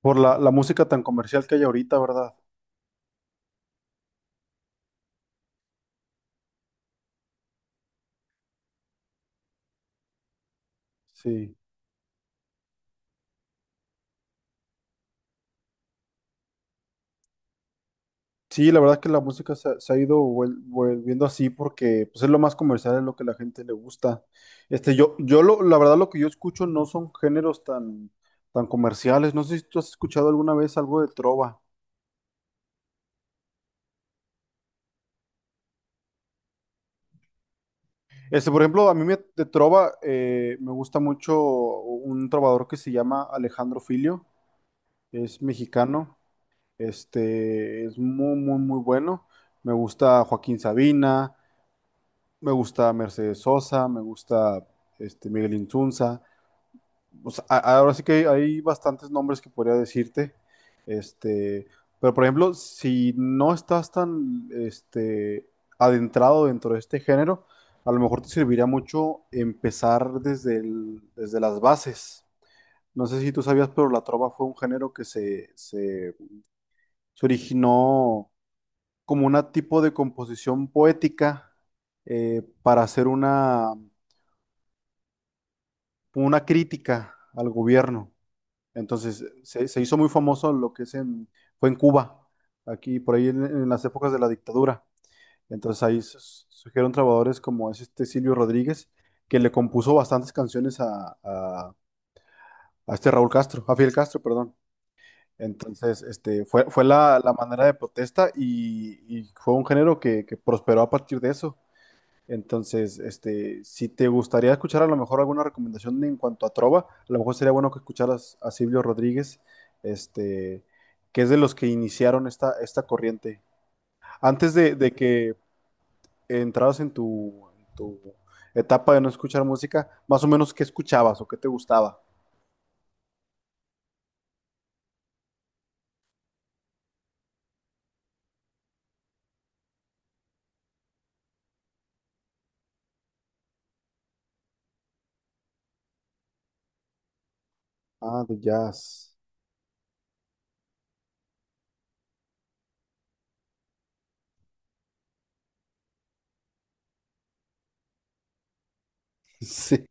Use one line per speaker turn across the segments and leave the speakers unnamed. Por la música tan comercial que hay ahorita, ¿verdad? Sí. Sí, la verdad es que la música se ha ido volviendo así porque pues, es lo más comercial, es lo que la gente le gusta. La verdad lo que yo escucho no son géneros tan comerciales. No sé si tú has escuchado alguna vez algo de trova. Por ejemplo, de trova me gusta mucho un trovador que se llama Alejandro Filio, es mexicano, es muy, muy, muy bueno. Me gusta Joaquín Sabina. Me gusta Mercedes Sosa, me gusta Miguel Insunza. O sea, ahora sí que hay bastantes nombres que podría decirte. Este, pero por ejemplo, si no estás adentrado dentro de este género, a lo mejor te serviría mucho empezar desde las bases. No sé si tú sabías, pero la trova fue un género que se originó como un tipo de composición poética para hacer una crítica al gobierno. Entonces, se hizo muy famoso lo que es fue en Cuba, aquí por ahí en las épocas de la dictadura. Entonces ahí surgieron trabajadores como es este Silvio Rodríguez, que le compuso bastantes canciones a este Raúl Castro, a Fidel Castro, perdón. Entonces, fue la manera de protesta y fue un género que prosperó a partir de eso. Entonces, si te gustaría escuchar a lo mejor alguna recomendación en cuanto a trova, a lo mejor sería bueno que escucharas a Silvio Rodríguez, este, que es de los que iniciaron esta corriente. Antes de que entraras en tu etapa de no escuchar música, más o menos qué escuchabas o qué te gustaba. Ah, de jazz. Sí,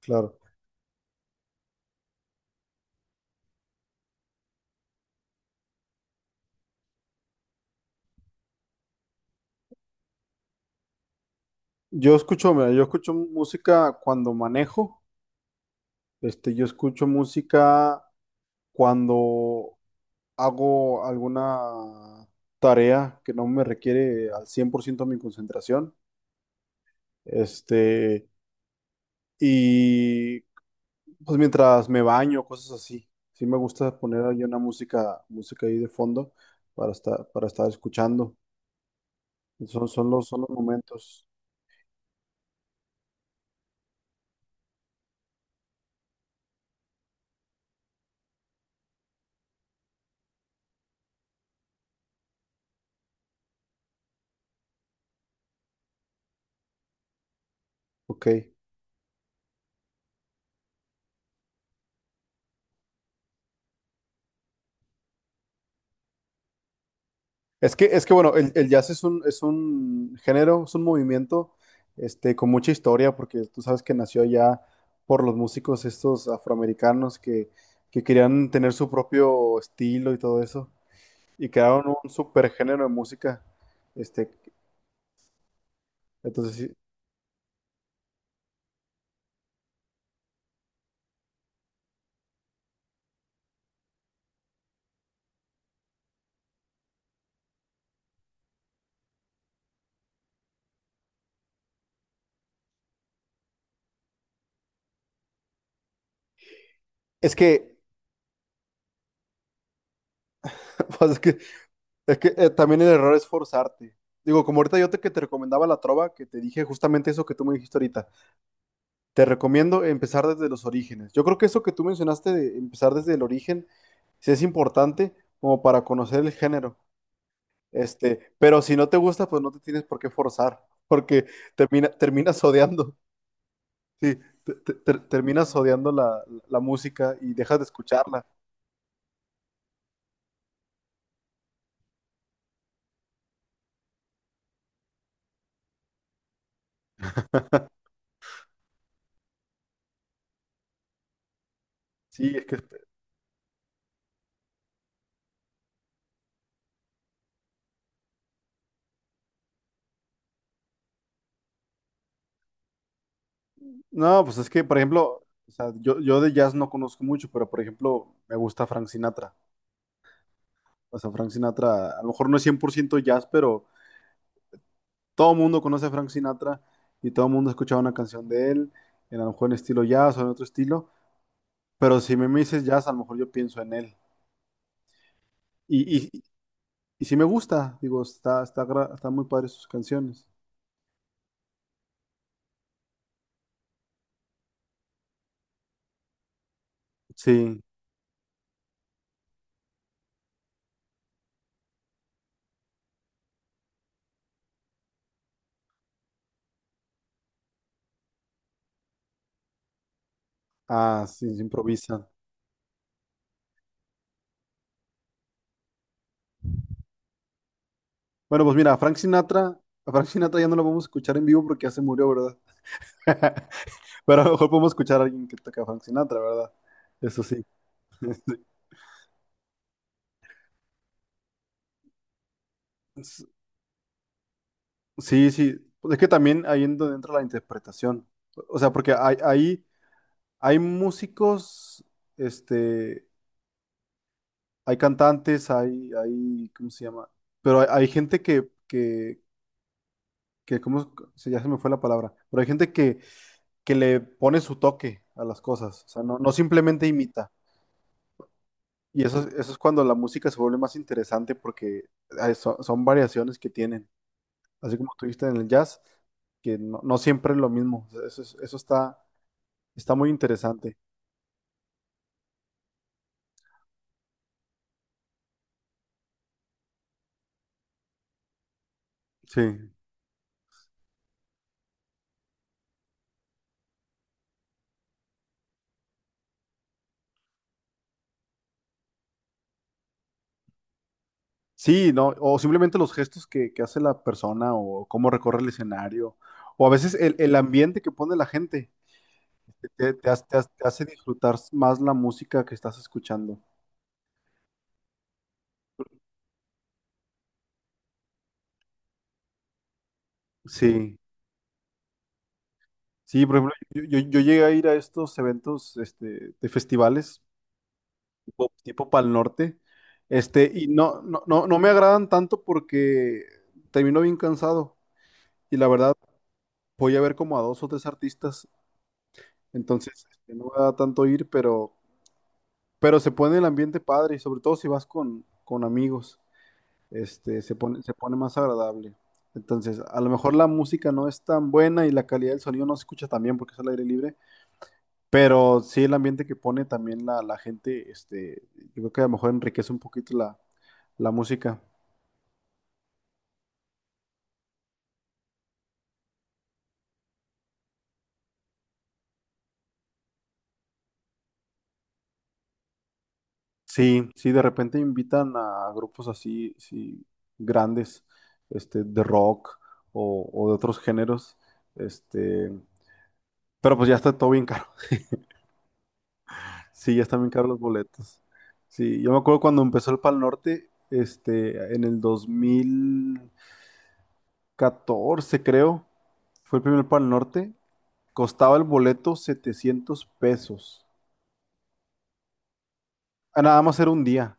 claro. Yo escucho, mira, yo escucho música cuando manejo, yo escucho música cuando hago alguna tarea que no me requiere al 100% mi concentración, este, y pues mientras me baño, cosas así. Sí me gusta poner ahí una música ahí de fondo para estar escuchando. Son los momentos. Ok. Es que bueno, el jazz es un género, es un movimiento con mucha historia, porque tú sabes que nació ya por los músicos estos afroamericanos que querían tener su propio estilo y todo eso, y crearon un super género de música. Este, entonces, sí, es que, pues, es que también el error es forzarte. Digo, como ahorita que te recomendaba la trova, que te dije justamente eso que tú me dijiste ahorita. Te recomiendo empezar desde los orígenes. Yo creo que eso que tú mencionaste de empezar desde el origen sí es importante como para conocer el género. Pero si no te gusta, pues no te tienes por qué forzar, porque terminas odiando, sí, terminas odiando la música y dejas de escucharla. Sí, no, pues es que, por ejemplo, o sea, yo de jazz no conozco mucho, pero por ejemplo, me gusta Frank Sinatra. O sea, Frank Sinatra, a lo mejor no es 100% jazz, pero todo el mundo conoce a Frank Sinatra y todo el mundo ha escuchado una canción de él, en a lo mejor en estilo jazz o en otro estilo, pero si me dices jazz, a lo mejor yo pienso en él. Y, y, y sí me gusta, digo, está muy padre sus canciones. Sí, ah, sí, se improvisa. Bueno, pues mira, a Frank Sinatra ya no lo vamos a escuchar en vivo porque ya se murió, ¿verdad? Pero a lo mejor podemos escuchar a alguien que toca a Frank Sinatra, ¿verdad? Eso sí. S- Sí, sí. Pues es que también ahí en donde entra la interpretación. O sea, porque ahí hay músicos, este, hay cantantes, ¿cómo se llama? Pero hay gente ¿ ya se me fue la palabra? Pero hay gente que le pone su toque a las cosas, o sea, no, no simplemente imita. Y eso es cuando la música se vuelve más interesante porque son variaciones que tienen. Así como tú viste en el jazz, que no, no siempre es lo mismo. O sea, eso, eso está muy interesante. Sí. Sí, no, o simplemente los gestos que hace la persona o cómo recorre el escenario, o a veces el ambiente que pone la gente te hace disfrutar más la música que estás escuchando. Sí, sí, por ejemplo, yo llegué a ir a estos eventos de festivales tipo Pal Norte, y no, no, no, no me agradan tanto porque termino bien cansado y la verdad voy a ver como a dos o tres artistas, entonces no me da tanto ir, pero... Pero se pone el ambiente padre y sobre todo si vas con amigos, se pone más agradable. Entonces, a lo mejor la música no es tan buena y la calidad del sonido no se escucha tan bien porque es al aire libre, pero sí el ambiente que pone también la gente, yo creo que a lo mejor enriquece un poquito la música. Sí, sí, de repente invitan a grupos así, sí, grandes, de rock o de otros géneros, este, pero pues ya está todo bien caro. Sí, ya están bien caros los boletos. Sí, yo me acuerdo cuando empezó el Pal Norte, en el 2014 creo, fue el primer Pal Norte, costaba el boleto 700 pesos. Ah, nada más era un día.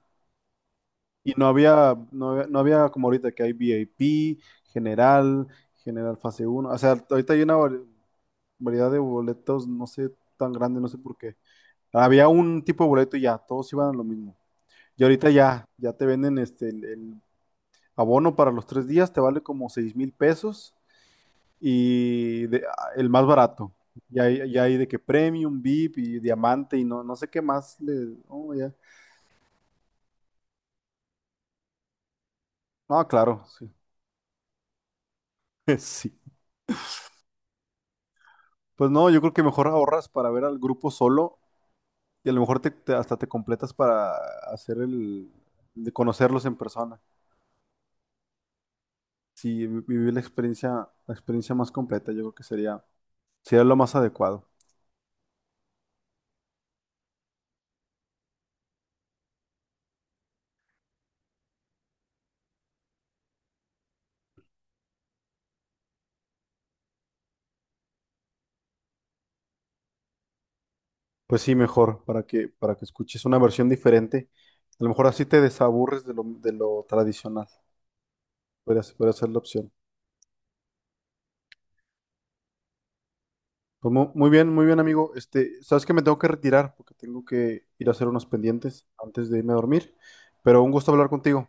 Y no había como ahorita que hay VIP, general, general fase uno. O sea, ahorita hay una variedad de boletos, no sé, tan grande, no sé por qué. Había un tipo de boleto y ya, todos iban a lo mismo. Y ahorita ya te venden abono para los 3 días te vale como 6,000 pesos ah, el más barato. Ya hay de que premium, VIP y diamante y no, no sé qué más. Oh, ya. No, claro, sí. Sí. Pues no, yo creo que mejor ahorras para ver al grupo solo y a lo mejor hasta te completas para hacer de conocerlos en persona. Sí, vivir la experiencia más completa, yo creo que sería lo más adecuado. Pues sí, mejor, para que escuches una versión diferente. A lo mejor así te desaburres de lo tradicional. Podría ser la opción. Pues muy bien, amigo. Sabes que me tengo que retirar porque tengo que ir a hacer unos pendientes antes de irme a dormir. Pero un gusto hablar contigo.